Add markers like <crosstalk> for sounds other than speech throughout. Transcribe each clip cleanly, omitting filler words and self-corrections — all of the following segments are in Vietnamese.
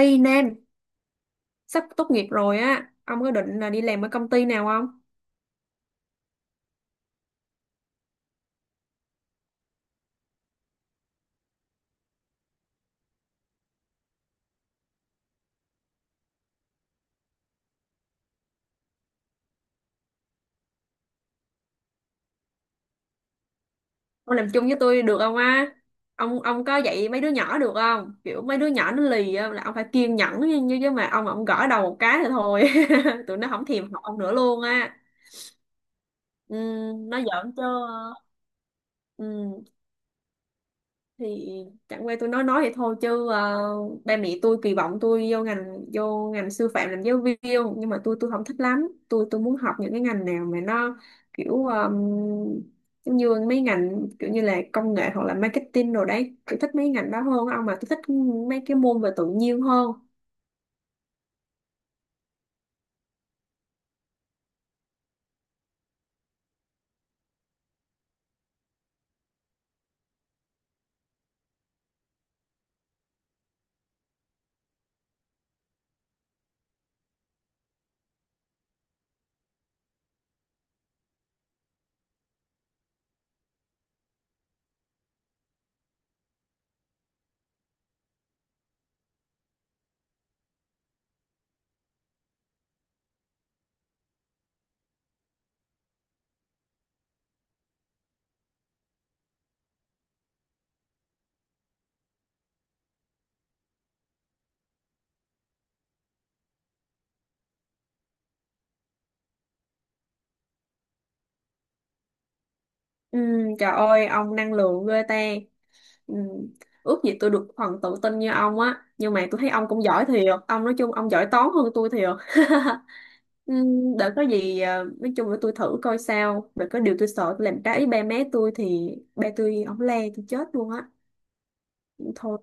Ê Nam, sắp tốt nghiệp rồi á, ông có định là đi làm ở công ty nào không? Ông làm chung với tôi được không á? Ông có dạy mấy đứa nhỏ được không? Kiểu mấy đứa nhỏ nó lì á, là ông phải kiên nhẫn như như chứ mà ông gõ đầu một cái thì thôi. <laughs> Tụi nó không thèm học ông nữa luôn á. Ừ, nó giỡn chứ. Ừ. Thì chẳng qua tôi nói vậy thôi chứ ba mẹ tôi kỳ vọng tôi vô ngành sư phạm làm giáo viên, nhưng mà tôi không thích lắm, tôi muốn học những cái ngành nào mà nó kiểu giống như mấy ngành kiểu như là công nghệ hoặc là marketing rồi đấy, tôi thích mấy ngành đó hơn. Ông mà tôi thích mấy cái môn về tự nhiên hơn. Ừ, trời ơi, ông năng lượng ghê ta. Ừ, ước gì tôi được phần tự tin như ông á, nhưng mà tôi thấy ông cũng giỏi thiệt. Ông nói chung ông giỏi toán hơn tôi thiệt. <laughs> Để có gì nói chung là tôi thử coi sao. Để có điều tôi sợ tôi làm trái ý ba mẹ tôi thì ba tôi ổng le tôi chết luôn á. Thôi.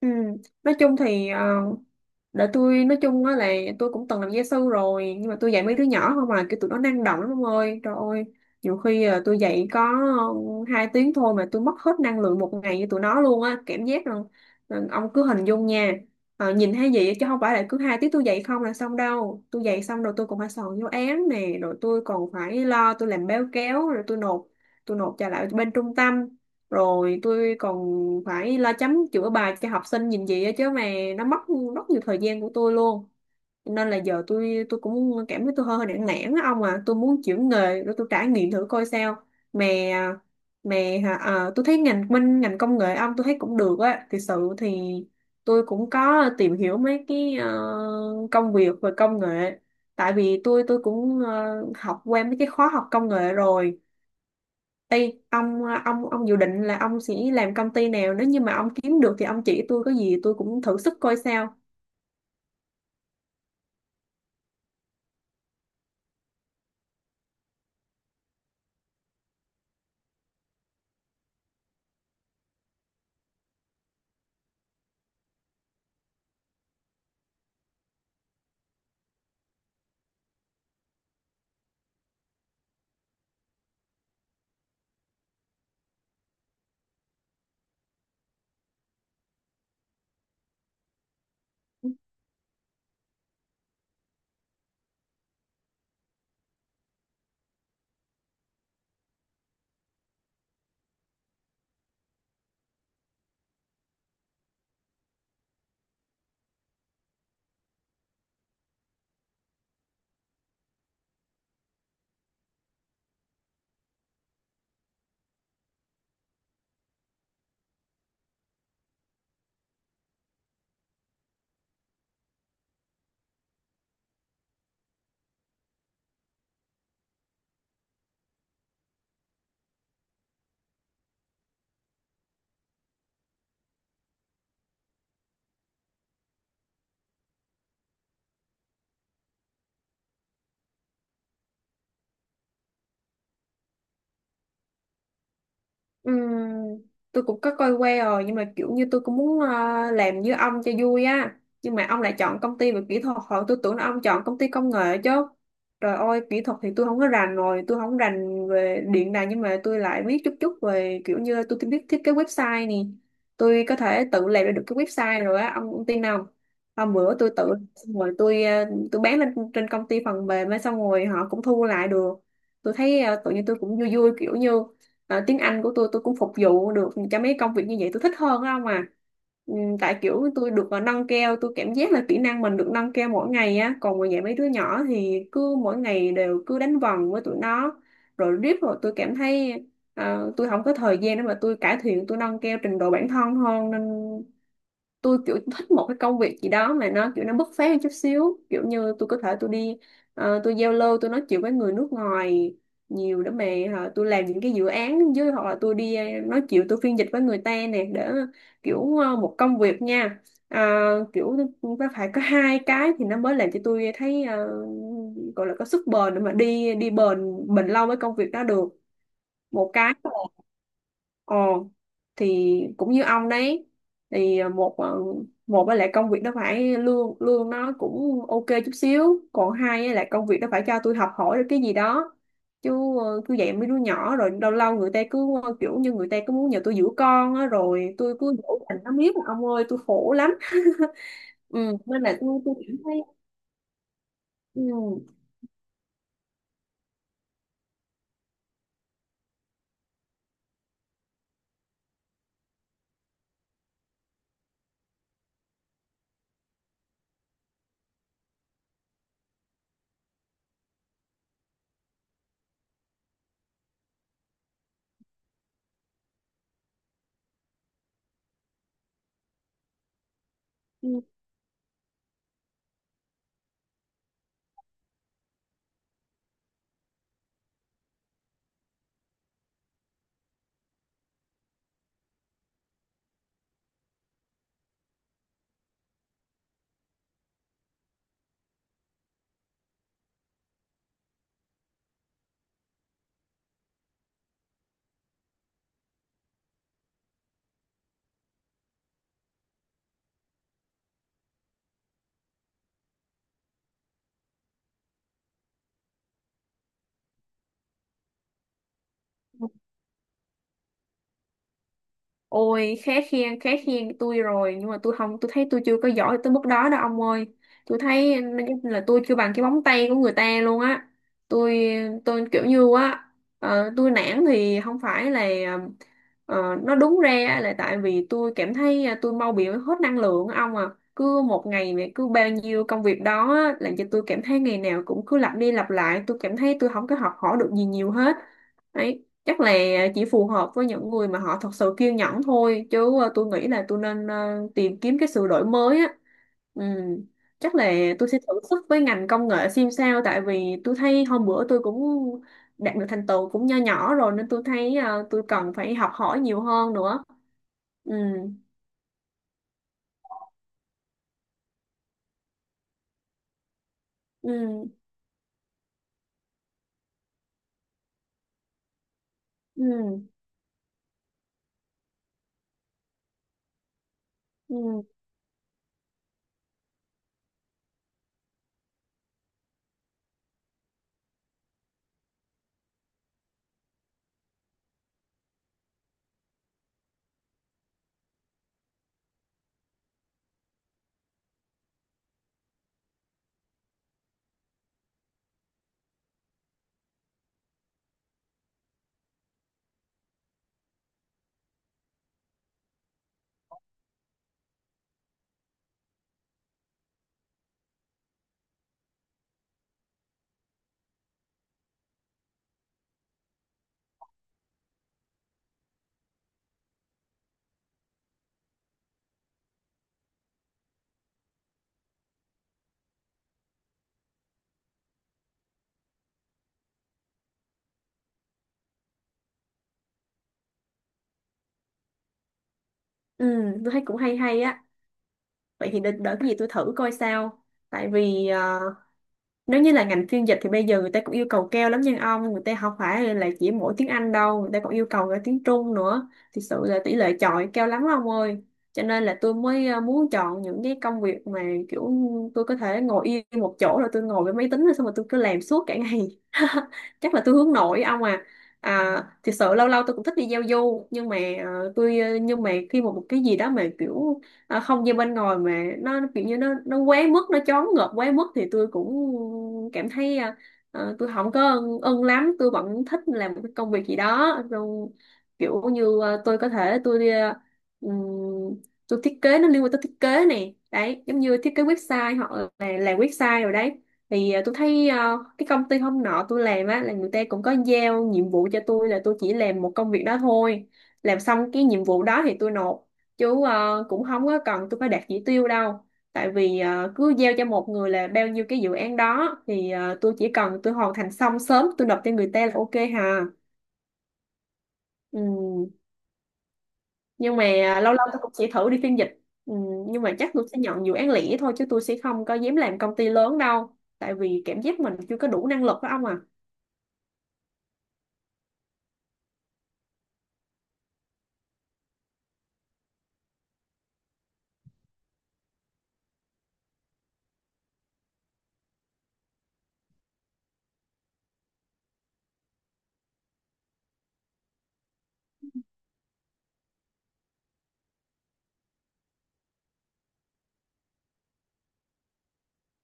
Ừm, Nói chung thì để tôi nói chung á là tôi cũng từng làm gia sư rồi, nhưng mà tôi dạy mấy đứa nhỏ không mà kiểu tụi nó năng động lắm ông ơi, trời ơi. Nhiều khi à, tôi dạy có ừ, hai tiếng thôi mà tôi mất hết năng lượng một ngày với tụi nó luôn á, cảm giác là ông cứ hình dung nha. Ờ, nhìn thấy gì chứ không phải là cứ hai tiếng tôi dạy không là xong đâu, tôi dạy xong rồi tôi còn phải soạn giáo án nè, rồi tôi còn phải lo tôi làm báo cáo rồi tôi nộp trả lại bên trung tâm, rồi tôi còn phải la chấm chữa bài cho học sinh nhìn gì á chứ mà nó mất rất nhiều thời gian của tôi luôn. Cho nên là giờ tôi cũng cảm thấy tôi hơi nản nản á ông à, tôi muốn chuyển nghề để tôi trải nghiệm thử coi sao. mà mà tôi thấy ngành bên ngành công nghệ ông tôi thấy cũng được á, thực sự thì tôi cũng có tìm hiểu mấy cái công việc về công nghệ, tại vì tôi cũng học qua mấy cái khóa học công nghệ rồi. Ê, ông dự định là ông sẽ làm công ty nào, nếu như mà ông kiếm được thì ông chỉ tôi, có gì tôi cũng thử sức coi sao. Ừm, tôi cũng có coi qua rồi nhưng mà kiểu như tôi cũng muốn làm như ông cho vui á, nhưng mà ông lại chọn công ty về kỹ thuật, hồi tôi tưởng là ông chọn công ty công nghệ chứ. Trời ơi, kỹ thuật thì tôi không có rành rồi, tôi không rành về điện đài, nhưng mà tôi lại biết chút chút về, kiểu như tôi biết thiết kế website nè, tôi có thể tự làm ra được cái website rồi á ông tin không? Hôm bữa tôi tự xong rồi tôi tôi bán lên trên công ty phần mềm á, xong rồi họ cũng thu lại được. Tôi thấy tự nhiên tôi cũng vui vui, kiểu như. Ờ, tiếng Anh của tôi cũng phục vụ được cho mấy công việc như vậy, tôi thích hơn á ông à. Ừ, tại kiểu tôi được nâng cao, tôi cảm giác là kỹ năng mình được nâng cao mỗi ngày á, còn ngoài dạy mấy đứa nhỏ thì cứ mỗi ngày đều cứ đánh vần với tụi nó, rồi riết rồi tôi cảm thấy tôi không có thời gian để mà tôi cải thiện tôi nâng cao trình độ bản thân hơn, nên tôi kiểu thích một cái công việc gì đó mà nó kiểu nó bứt phá hơn chút xíu, kiểu như tôi có thể tôi đi tôi giao lưu tôi nói chuyện với người nước ngoài nhiều, để mà hả, tôi làm những cái dự án với, hoặc là tôi đi nói chuyện tôi phiên dịch với người ta nè, để kiểu một công việc nha. Ờ, kiểu nó phải có hai cái thì nó mới làm cho tôi thấy gọi là có sức bền để mà đi đi bền bền lâu với công việc đó được. Một cái là, ồ, thì cũng như ông đấy. Thì một một á lại công việc nó phải lương lương nó cũng ok chút xíu, còn hai á là công việc nó phải cho tôi học hỏi được cái gì đó, chứ cứ dạy mấy đứa nhỏ rồi lâu lâu người ta cứ kiểu như người ta cứ muốn nhờ tôi giữ con á, rồi tôi cứ dỗ dành nó miết ông ơi, tôi khổ lắm. Ừ, nên là tôi cảm thấy. Ừ. Ừ. Ừ. Ôi, khá khen tôi rồi, nhưng mà tôi không, tôi thấy tôi chưa có giỏi tới mức đó đâu ông ơi. Tôi thấy là tôi chưa bằng cái móng tay của người ta luôn á. Tôi tôi kiểu như á tôi nản thì không phải là ờ, nó đúng ra là tại vì tôi cảm thấy à, tôi mau bị hết năng lượng á ông à. Cứ một ngày này cứ bao nhiêu công việc đó á, làm cho tôi cảm thấy ngày nào cũng cứ lặp đi lặp lại, tôi cảm thấy tôi không có học hỏi được gì nhiều hết. Đấy, chắc là chỉ phù hợp với những người mà họ thật sự kiên nhẫn thôi, chứ tôi nghĩ là tôi nên tìm kiếm cái sự đổi mới á. Ừ. Chắc là tôi sẽ thử sức với ngành công nghệ xem sao, tại vì tôi thấy hôm bữa tôi cũng đạt được thành tựu cũng nho nhỏ rồi, nên tôi thấy tôi cần phải học hỏi nhiều hơn nữa. Ừ. Ừ. Ừ. Ừ. Ừ. Tôi thấy cũng hay hay á, vậy thì đợi cái gì tôi thử coi sao. Tại vì nếu như là ngành phiên dịch thì bây giờ người ta cũng yêu cầu cao lắm nha ông, người ta không phải là chỉ mỗi tiếng Anh đâu, người ta còn yêu cầu cả tiếng Trung nữa, thực sự là tỷ lệ chọi cao lắm ông ơi. Cho nên là tôi mới muốn chọn những cái công việc mà kiểu tôi có thể ngồi yên một chỗ rồi tôi ngồi với máy tính rồi xong rồi tôi cứ làm suốt cả ngày. <laughs> Chắc là tôi hướng nội ông à. À, thực sự lâu lâu tôi cũng thích đi giao du, nhưng mà nhưng mà khi mà một cái gì đó mà kiểu à, không gian bên ngoài mà nó kiểu như nó quá mức, nó choáng ngợp quá mức, thì tôi cũng cảm thấy tôi không có ưng lắm, tôi vẫn thích làm một cái công việc gì đó rồi kiểu như à, tôi có thể tôi ừm, tôi thiết kế, nó liên quan tới thiết kế này đấy, giống như thiết kế website hoặc là làm website rồi đấy. Thì à, tôi thấy à, cái công ty hôm nọ tôi làm á là người ta cũng có giao nhiệm vụ cho tôi là tôi chỉ làm một công việc đó thôi, làm xong cái nhiệm vụ đó thì tôi nộp chú cũng không có cần tôi phải đạt chỉ tiêu đâu, tại vì cứ giao cho một người là bao nhiêu cái dự án đó thì tôi chỉ cần tôi hoàn thành xong sớm, tôi nộp cho người ta là ok hà. Ừ. Nhưng mà lâu lâu tôi cũng sẽ thử đi phiên dịch. Ừ. Nhưng mà chắc tôi sẽ nhận dự án lẻ thôi, chứ tôi sẽ không có dám làm công ty lớn đâu, tại vì cảm giác mình chưa có đủ năng lực đó ông à.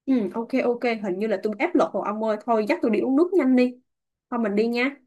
Ừ, ok ok, hình như là tôi áp lực rồi ông ơi, thôi dắt tôi đi uống nước nhanh đi. Thôi mình đi nha.